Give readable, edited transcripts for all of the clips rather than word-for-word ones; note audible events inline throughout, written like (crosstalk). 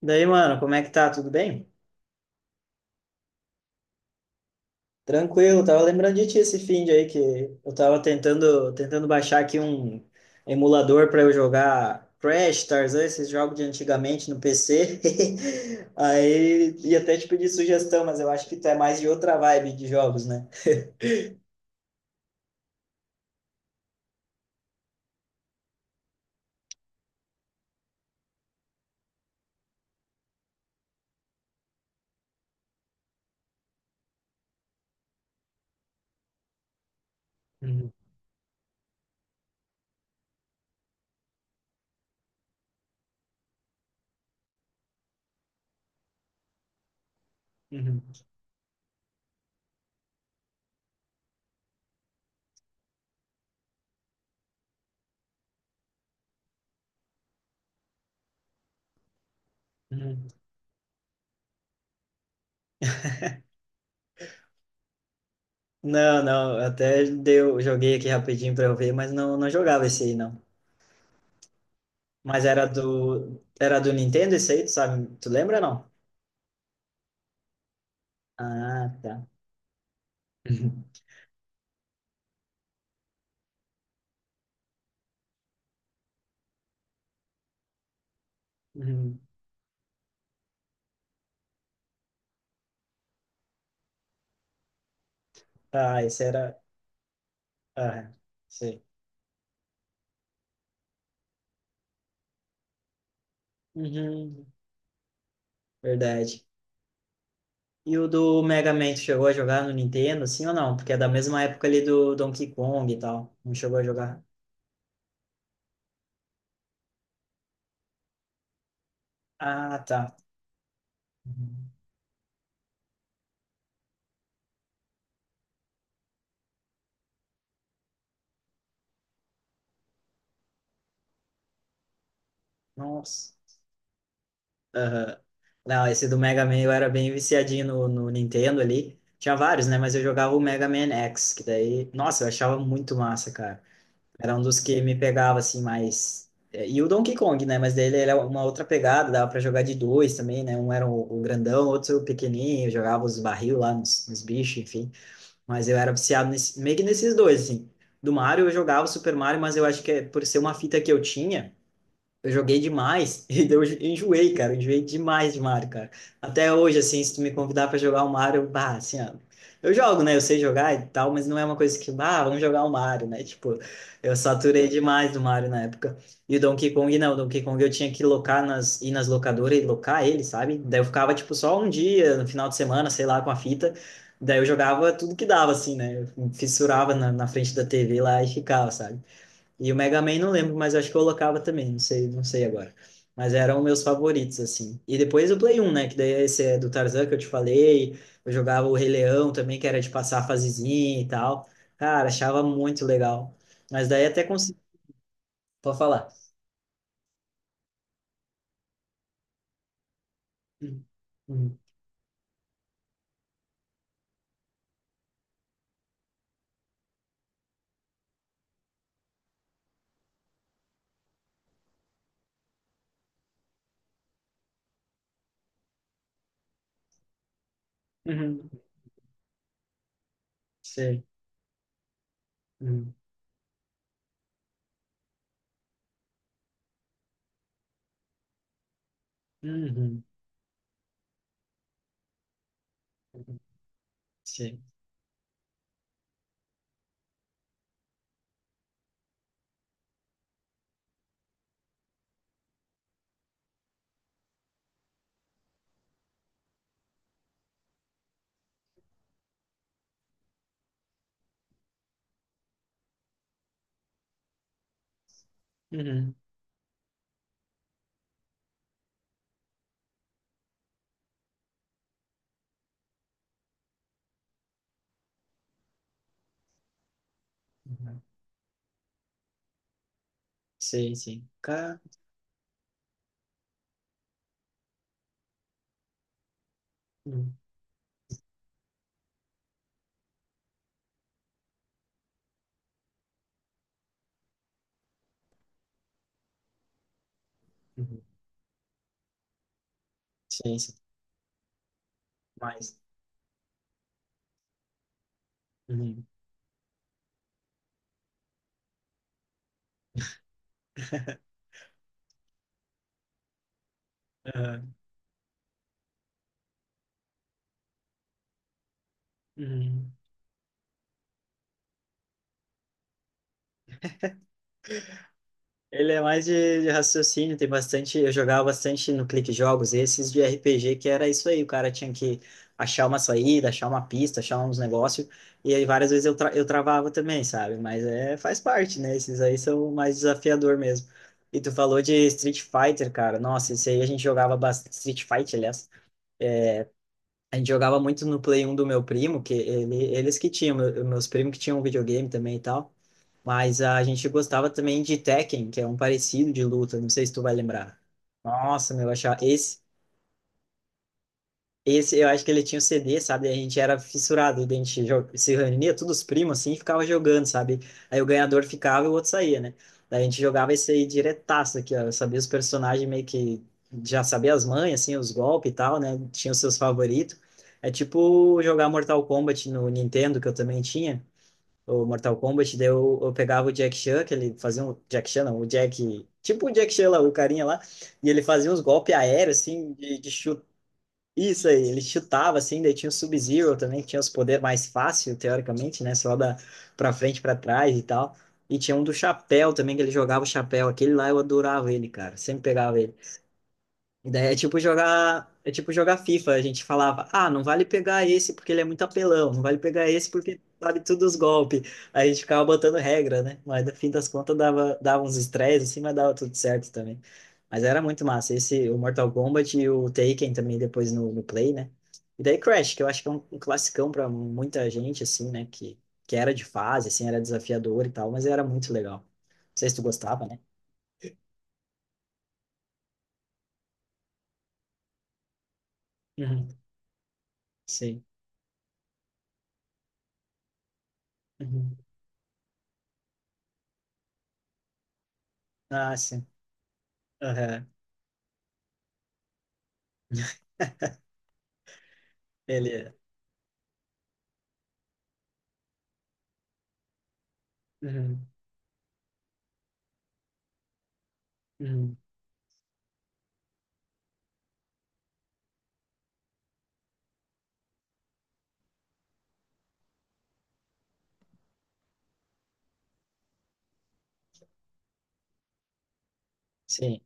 Daí, mano, como é que tá? Tudo bem? Tranquilo, tava lembrando de ti esse fim de aí que eu tava tentando baixar aqui um emulador para eu jogar Crash, Tarzan, esses jogos de antigamente no PC. (laughs) Aí ia até te pedir sugestão, mas eu acho que tu é mais de outra vibe de jogos, né? Uhum, uhum, uhum. Não, não, até deu, joguei aqui rapidinho pra eu ver, mas não jogava esse aí, não. Mas era do Nintendo esse aí, tu sabe? Tu lembra, não? Ah, tá. (laughs) Uhum. Ah, esse era. Ah, sei. Uhum. Verdade. E o do Mega Man, tu chegou a jogar no Nintendo, sim ou não? Porque é da mesma época ali do Donkey Kong e tal. Não chegou a jogar? Ah, tá. Uhum. Nossa. Aham. Não, esse do Mega Man eu era bem viciadinho no Nintendo ali. Tinha vários, né? Mas eu jogava o Mega Man X, que daí. Nossa, eu achava muito massa, cara. Era um dos que me pegava, assim, mais. É, e o Donkey Kong, né? Mas dele era uma outra pegada, dava pra jogar de dois também, né? Um era o grandão, outro o pequenininho, eu jogava os barril lá nos bichos, enfim. Mas eu era viciado nesse, meio que nesses dois, assim. Do Mario eu jogava o Super Mario, mas eu acho que é por ser uma fita que eu tinha. Eu joguei demais (laughs) e eu enjoei, cara. Eu enjoei demais de Mario, cara. Até hoje, assim, se tu me convidar pra jogar o Mario, bah, assim, ó, eu jogo, né? Eu sei jogar e tal, mas não é uma coisa que, bah, vamos jogar o Mario, né? Tipo, eu saturei demais do Mario na época. E o Donkey Kong, não. O Donkey Kong eu tinha que locar nas, ir nas locadoras e locar ele, sabe? Daí eu ficava, tipo, só um dia, no final de semana, sei lá, com a fita. Daí eu jogava tudo que dava, assim, né? Eu fissurava na frente da TV lá e ficava, sabe? E o Mega Man não lembro, mas acho que eu colocava também, não sei, não sei agora. Mas eram meus favoritos, assim. E depois o Play um né? Que daí esse é do Tarzan que eu te falei. Eu jogava o Rei Leão também, que era de passar a fasezinha e tal. Cara, achava muito legal. Mas daí até consegui. Pode falar. Uhum. Uhum. Uhum. Sei. Uhum. Uhum. Sei. Uhum. Uhum. Sei, sim. Cara. Uhum. Uhum. Sei, sim. Mas. Uhum. (laughs) Uhum. Uhum. Ele é mais de raciocínio, tem bastante. Eu jogava bastante no Clique Jogos, esses de RPG, que era isso aí, o cara tinha que achar uma saída, achar uma pista, achar uns negócios, e aí várias vezes eu travava também, sabe? Mas é, faz parte, né? Esses aí são mais desafiador mesmo. E tu falou de Street Fighter, cara. Nossa, esse aí a gente jogava bastante. Street Fight, aliás. A gente jogava muito no Play 1 do meu primo, que ele, eles que tinham, meus primos que tinham um videogame também e tal. Mas a gente gostava também de Tekken, que é um parecido de luta, não sei se tu vai lembrar. Nossa, meu, eu achava esse, esse eu acho que ele tinha o CD, sabe? A gente era fissurado, a gente se reunia todos os primos assim, e ficava jogando, sabe? Aí o ganhador ficava e o outro saía, né? Daí a gente jogava esse aí diretaço aqui, ó. Eu sabia os personagens meio que já sabia as manhas, assim, os golpes e tal, né? Tinha os seus favoritos. É tipo jogar Mortal Kombat no Nintendo, que eu também tinha o Mortal Kombat, daí eu pegava o Jack Chan, que ele fazia um... Jack Chan não, o Jack... Tipo o Jack Chan lá, o carinha lá, e ele fazia uns golpes aéreos, assim, de chute. Isso aí, ele chutava, assim, daí tinha o Sub-Zero também, que tinha os poderes mais fáceis teoricamente, né? Só da pra frente, pra trás e tal. E tinha um do chapéu também, que ele jogava o chapéu. Aquele lá eu adorava ele, cara. Sempre pegava ele. E daí é tipo jogar FIFA. A gente falava, ah, não vale pegar esse porque ele é muito apelão, não vale pegar esse porque sabe tudo os golpes. Aí a gente ficava botando regra, né? Mas no fim das contas dava uns estresses assim, mas dava tudo certo também. Mas era muito massa. Esse, o Mortal Kombat e o Taken também depois no Play, né? E daí Crash, que eu acho que é um classicão pra muita gente, assim, né? Que era de fase, assim, era desafiador e tal, mas era muito legal. Não sei se tu gostava, né? Uhum. Sim. Uhum. Ah, sim. Aham. (laughs) Ele. Uhum, uhum, sim.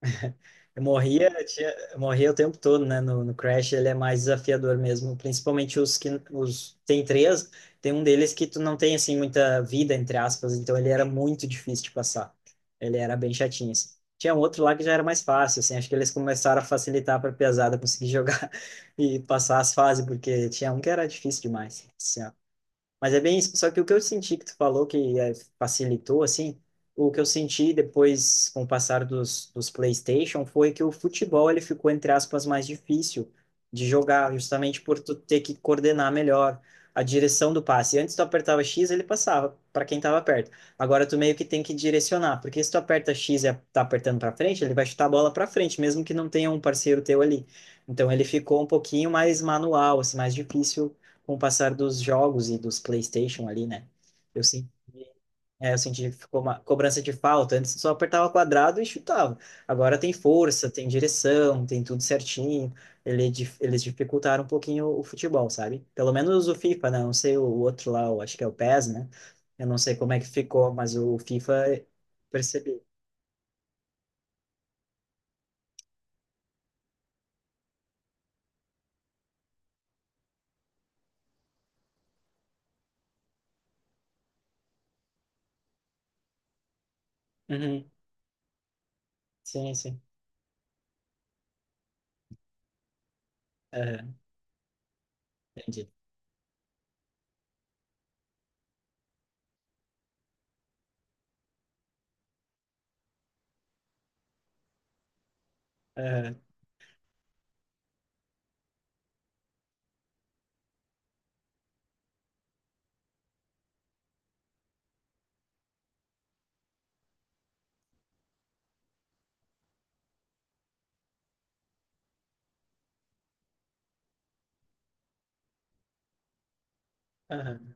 (laughs) Eu morria, eu morria o tempo todo, né? No Crash ele é mais desafiador mesmo, principalmente os que os tem três, tem um deles que tu não tem assim muita vida entre aspas, então ele era muito difícil de passar. Ele era bem chatinho. Assim. Tinha um outro lá que já era mais fácil, assim, acho que eles começaram a facilitar para pesada conseguir jogar (laughs) e passar as fases, porque tinha um que era difícil demais, assim. Mas é bem isso. Só que o que eu senti que tu falou que facilitou, assim, o que eu senti depois com o passar dos PlayStation foi que o futebol ele ficou, entre aspas, mais difícil de jogar, justamente por tu ter que coordenar melhor a direção do passe. Antes tu apertava X, ele passava para quem estava perto. Agora tu meio que tem que direcionar, porque se tu aperta X e tá apertando para frente, ele vai chutar a bola para frente, mesmo que não tenha um parceiro teu ali. Então ele ficou um pouquinho mais manual, assim, mais difícil com o passar dos jogos e dos PlayStation ali, né? Eu senti, eu senti que ficou uma cobrança de falta. Antes só apertava quadrado e chutava. Agora tem força, tem direção, tem tudo certinho. Eles dificultaram um pouquinho o futebol, sabe? Pelo menos o FIFA, né? Não sei o outro lá, eu acho que é o PES, né? Eu não sei como é que ficou, mas o FIFA eu percebi. Uhum. Sim, sim. Aham, entendi. Aham, aham.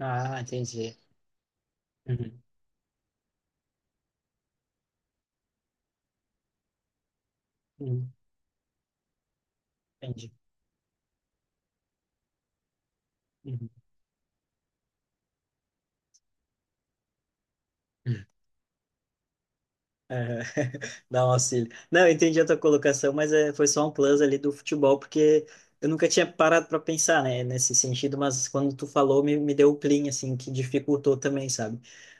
Ah, entendi. Uhum. Uhum. Entendi. Uhum. Aham. (laughs) Dá um auxílio. Não, eu entendi a tua colocação, mas é, foi só um plus ali do futebol, porque eu nunca tinha parado para pensar, né, nesse sentido, mas quando tu falou, me deu o clean, assim, que dificultou também, sabe?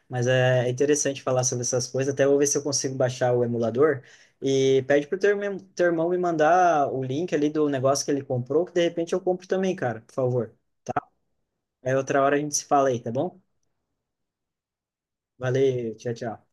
Mas é interessante falar sobre essas coisas, até vou ver se eu consigo baixar o emulador e pede pro teu irmão me mandar o link ali do negócio que ele comprou, que de repente eu compro também, cara, por favor. Aí outra hora a gente se fala aí, tá bom? Valeu, tchau, tchau.